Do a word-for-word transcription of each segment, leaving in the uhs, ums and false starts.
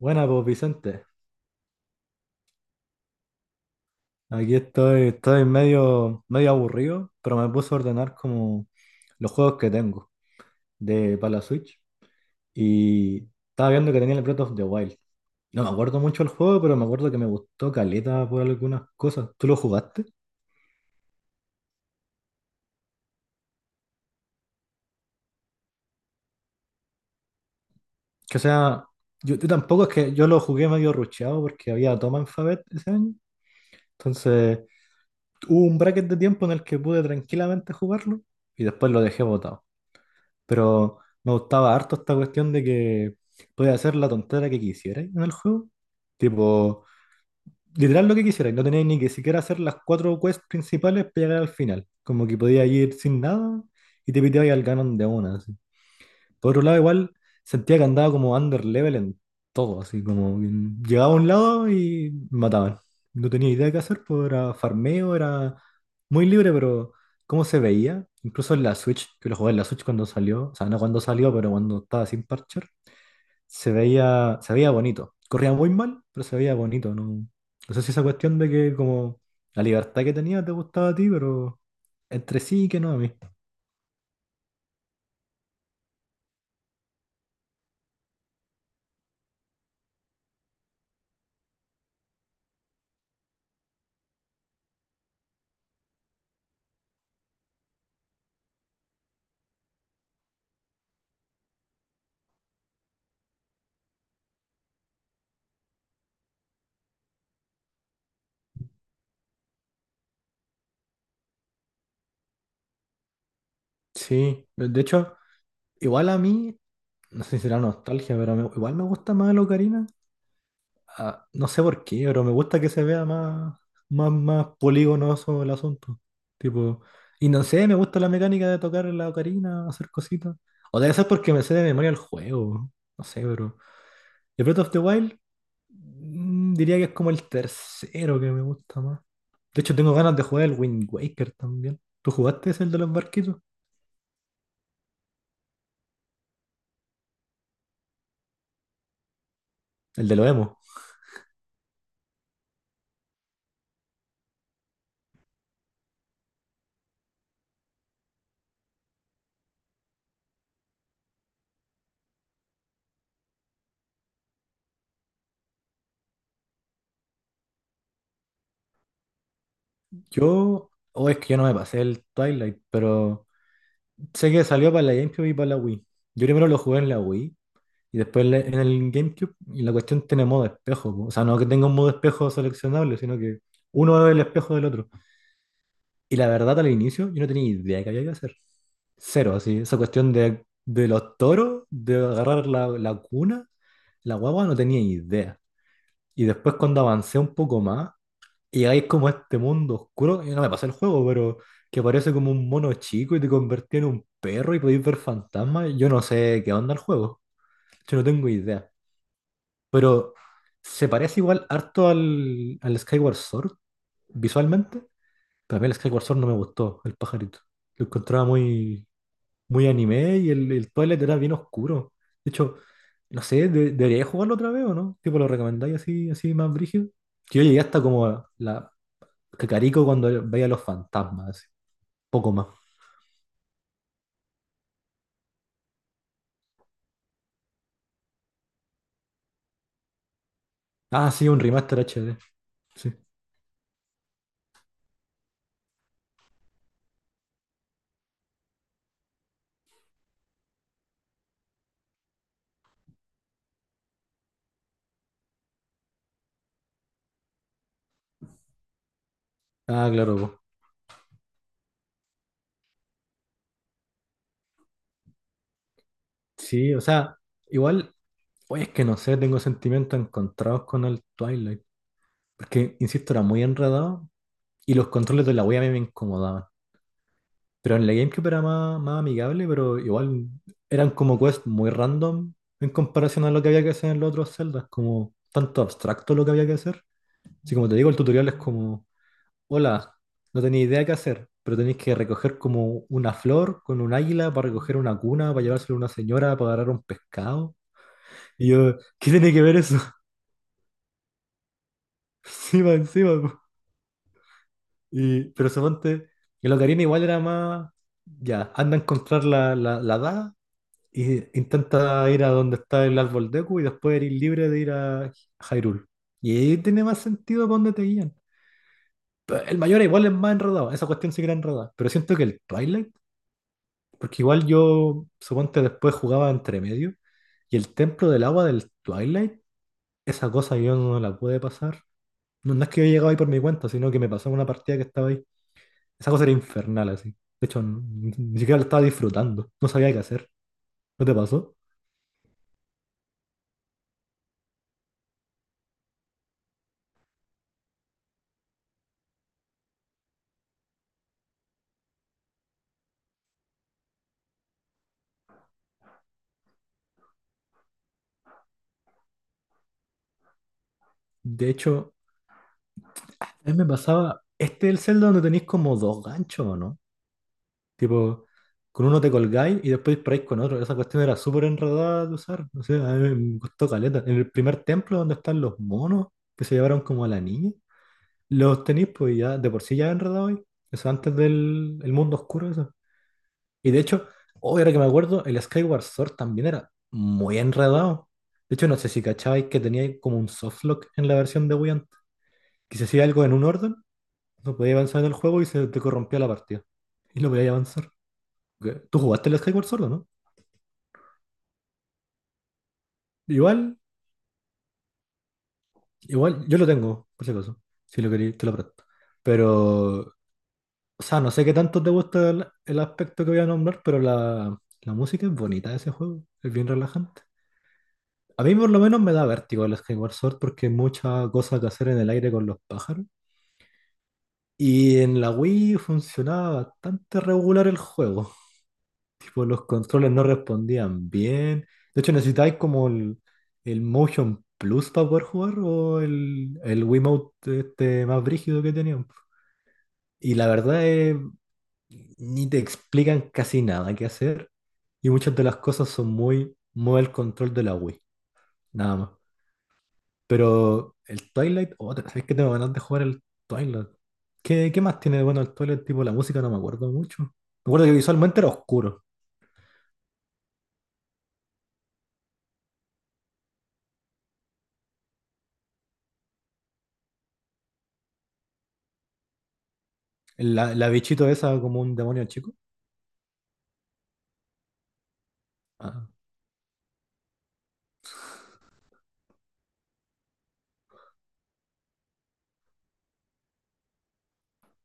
Buena, pues Vicente. Aquí estoy, estoy medio, medio aburrido, pero me puse a ordenar como los juegos que tengo de para la Switch. Y estaba viendo que tenía el Breath of the Wild. No me acuerdo mucho el juego, pero me acuerdo que me gustó caleta por algunas cosas. ¿Tú lo jugaste? Que o sea, yo, yo tampoco es que yo lo jugué medio rucheado porque había Tom Alphabet ese año. Entonces, hubo un bracket de tiempo en el que pude tranquilamente jugarlo y después lo dejé botado. Pero me gustaba harto esta cuestión de que podía hacer la tontera que quisierais en el juego. Tipo, literal lo que quisierais. No tenéis ni que siquiera hacer las cuatro quests principales para llegar al final. Como que podías ir sin nada y te piteabais al canon de una. Así. Por otro lado, igual sentía que andaba como under level en todo, así como que llegaba a un lado y me mataban. No tenía idea de qué hacer, pues era farmeo, era muy libre, pero cómo se veía, incluso en la Switch, que lo jugué en la Switch cuando salió, o sea, no cuando salió, pero cuando estaba sin parcher, se veía, se veía bonito. Corría muy mal, pero se veía bonito, ¿no? No sé si esa cuestión de que como la libertad que tenía te gustaba a ti, pero entre sí que no a mí. Sí, de hecho, igual a mí. No sé si será nostalgia, pero me- igual me gusta más la Ocarina. Ah, no sé por qué, pero me gusta que se vea más, más, más poligonoso el asunto. Tipo, y no sé, me gusta la mecánica de tocar la Ocarina, hacer cositas. O debe ser porque me sé de memoria el juego. No sé, pero. Y Breath of the Wild, mm, diría que es como el tercero que me gusta más. De hecho, tengo ganas de jugar el Wind Waker también. ¿Tú jugaste ese, el de los barquitos? El de los emo. Yo. O es que yo no me pasé el Twilight, pero. Sé que salió para la GameCube y para la Wii. Yo primero lo jugué en la Wii y después en la- en el GameCube. Y la cuestión tiene modo espejo. Po. O sea, no que tenga un modo espejo seleccionable, sino que uno es el espejo del otro. Y la verdad, al inicio, yo no tenía idea de qué había que hacer. Cero, así. Esa cuestión de, de, los toros, de agarrar la, la cuna, la guagua, no tenía idea. Y después, cuando avancé un poco más, y llegáis como a este mundo oscuro, y no me pasé el juego, pero que aparece como un mono chico y te convertí en un perro y podéis ver fantasmas. Yo no sé qué onda el juego, yo no tengo idea. Pero se parece igual harto al, al, Skyward Sword visualmente, pero a mí el Skyward Sword no me gustó, el pajarito. Lo encontraba muy, muy anime y el, el Twilight era bien oscuro. De hecho, no sé, de- debería jugarlo otra vez o no, tipo lo recomendáis así, así más brígido. Que yo llegué hasta como a la Cacarico cuando veía los fantasmas, así. Poco más. Ah, sí, un remaster H D. Sí. Ah, claro, po. Sí, o sea, igual, oye, es que no sé, tengo sentimientos encontrados con el Twilight. Porque, insisto, era muy enredado y los controles de la Wii a mí me incomodaban. Pero en la GameCube era más, más amigable, pero igual eran como quests muy random en comparación a lo que había que hacer en los otros celdas, como tanto abstracto lo que había que hacer. Así como te digo, el tutorial es como: Hola, no tenía idea qué hacer, pero tenéis que recoger como una flor con un águila para recoger una cuna, para llevársela a una señora, para agarrar un pescado. Y yo, ¿qué tiene que ver eso? Encima, encima. Po. Y, pero suponte, el Ocarina igual era más, ya, anda a encontrar la, la, la daga y intenta ir a donde está el árbol Deku y después eres libre de ir a Hyrule. Y ahí tiene más sentido para dónde te guían. Pero el mayor igual es más enredado, esa cuestión sí que era enredada, pero siento que el Twilight. Porque igual yo, suponte, después jugaba entre medio. Y el templo del agua del Twilight, esa cosa yo no la pude pasar. No, no es que yo llegaba ahí por mi cuenta, sino que me pasó en una partida que estaba ahí. Esa cosa era infernal, así. De hecho, n- ni siquiera la estaba disfrutando. No sabía qué hacer. ¿No te pasó? De hecho, a mí me pasaba. Este es el Zelda donde tenéis como dos ganchos, ¿o no? Tipo, con uno te colgáis y después disparáis con otro. Esa cuestión era súper enredada de usar. No sé, a mí me costó caleta. En el primer templo donde están los monos que se llevaron como a la niña, los tenéis pues ya de por sí ya enredados ahí. Eso antes del el mundo oscuro, eso. Y de hecho, hoy ahora que me acuerdo, el Skyward Sword también era muy enredado. De hecho, no sé si cachabais que tenía como un softlock en la versión de Wii antes, que si hacía algo en un orden, no podía avanzar en el juego y se te corrompía la partida. Y no podía avanzar. ¿Qué? ¿Tú jugaste el Skyward Sword, o no? Igual, igual, yo lo tengo, por si acaso. Si lo queréis, te lo presto. Pero, o sea, no sé qué tanto te gusta el, el, aspecto que voy a nombrar, pero la, la música es bonita de ese juego. Es bien relajante. A mí por lo menos me da vértigo el Skyward Sword porque hay mucha cosa que hacer en el aire con los pájaros. Y en la Wii funcionaba bastante regular el juego. Tipo, los controles no respondían bien. De hecho, necesitáis como el, el, Motion Plus para poder jugar o el, el Wiimote este más brígido que tenían. Y la verdad es, ni te explican casi nada qué hacer. Y muchas de las cosas son muy, muy el control de la Wii, nada más. Pero el Twilight, otra, ¿sabes que tengo ganas de jugar el Twilight? ¿Qué, qué más tiene de bueno el Twilight? Tipo, la música no me acuerdo mucho. Me acuerdo que visualmente era oscuro. La, la bichito esa como un demonio chico. Ah,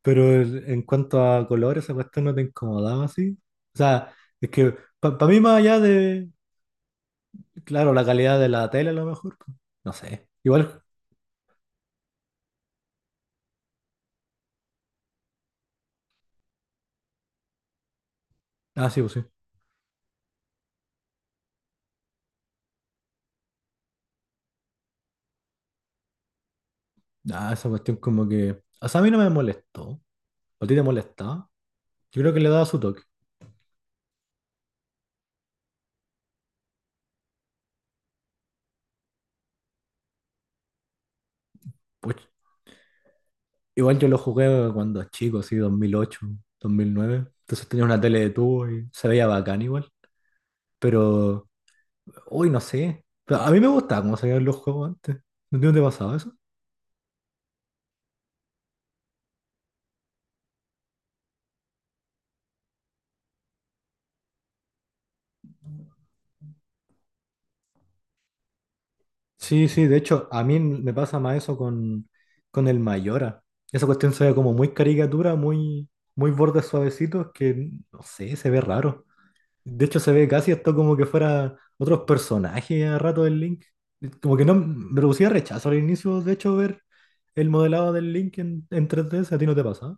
pero el- en cuanto a colores esa cuestión no te incomodaba así. O sea, es que para mí más allá de, claro, la calidad de la tele a lo mejor, pues, no sé. Igual, ah, sí, pues sí. Ah, esa cuestión como que, o sea, a mí no me molestó. ¿A ti te molestaba? Yo creo que le daba su toque. Pues igual yo lo jugué cuando chico, así, dos dos mil ocho, dos mil nueve. Entonces tenía una tele de tubo y se veía bacán igual. Pero, uy, no sé. Pero a mí me gustaba cómo se veían los juegos antes. ¿No te pasaba eso? Sí, sí, de hecho, a mí me pasa más eso con, con, el Mayora. Esa cuestión se ve como muy caricatura, muy, muy bordes suavecitos, que no sé, se ve raro. De hecho, se ve casi esto como que fuera otros personajes a rato del Link. Como que no me producía rechazo al inicio, de hecho, ver el modelado del Link en, en tres d si a ti no te pasa.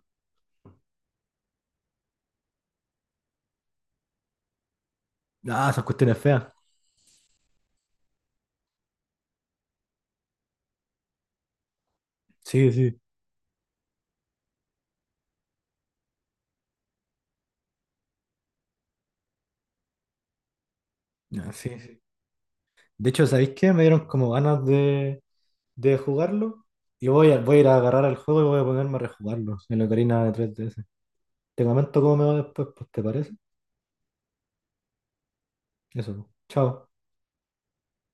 Ah, esas cuestiones feas. Sí, sí. Ah, sí, sí. De hecho, ¿sabéis qué? Me dieron como ganas de de jugarlo y voy a, voy a ir a agarrar el juego y voy a ponerme a rejugarlo en la Ocarina de tres D S. Te comento cómo me va después, pues, ¿te parece? Eso, chao.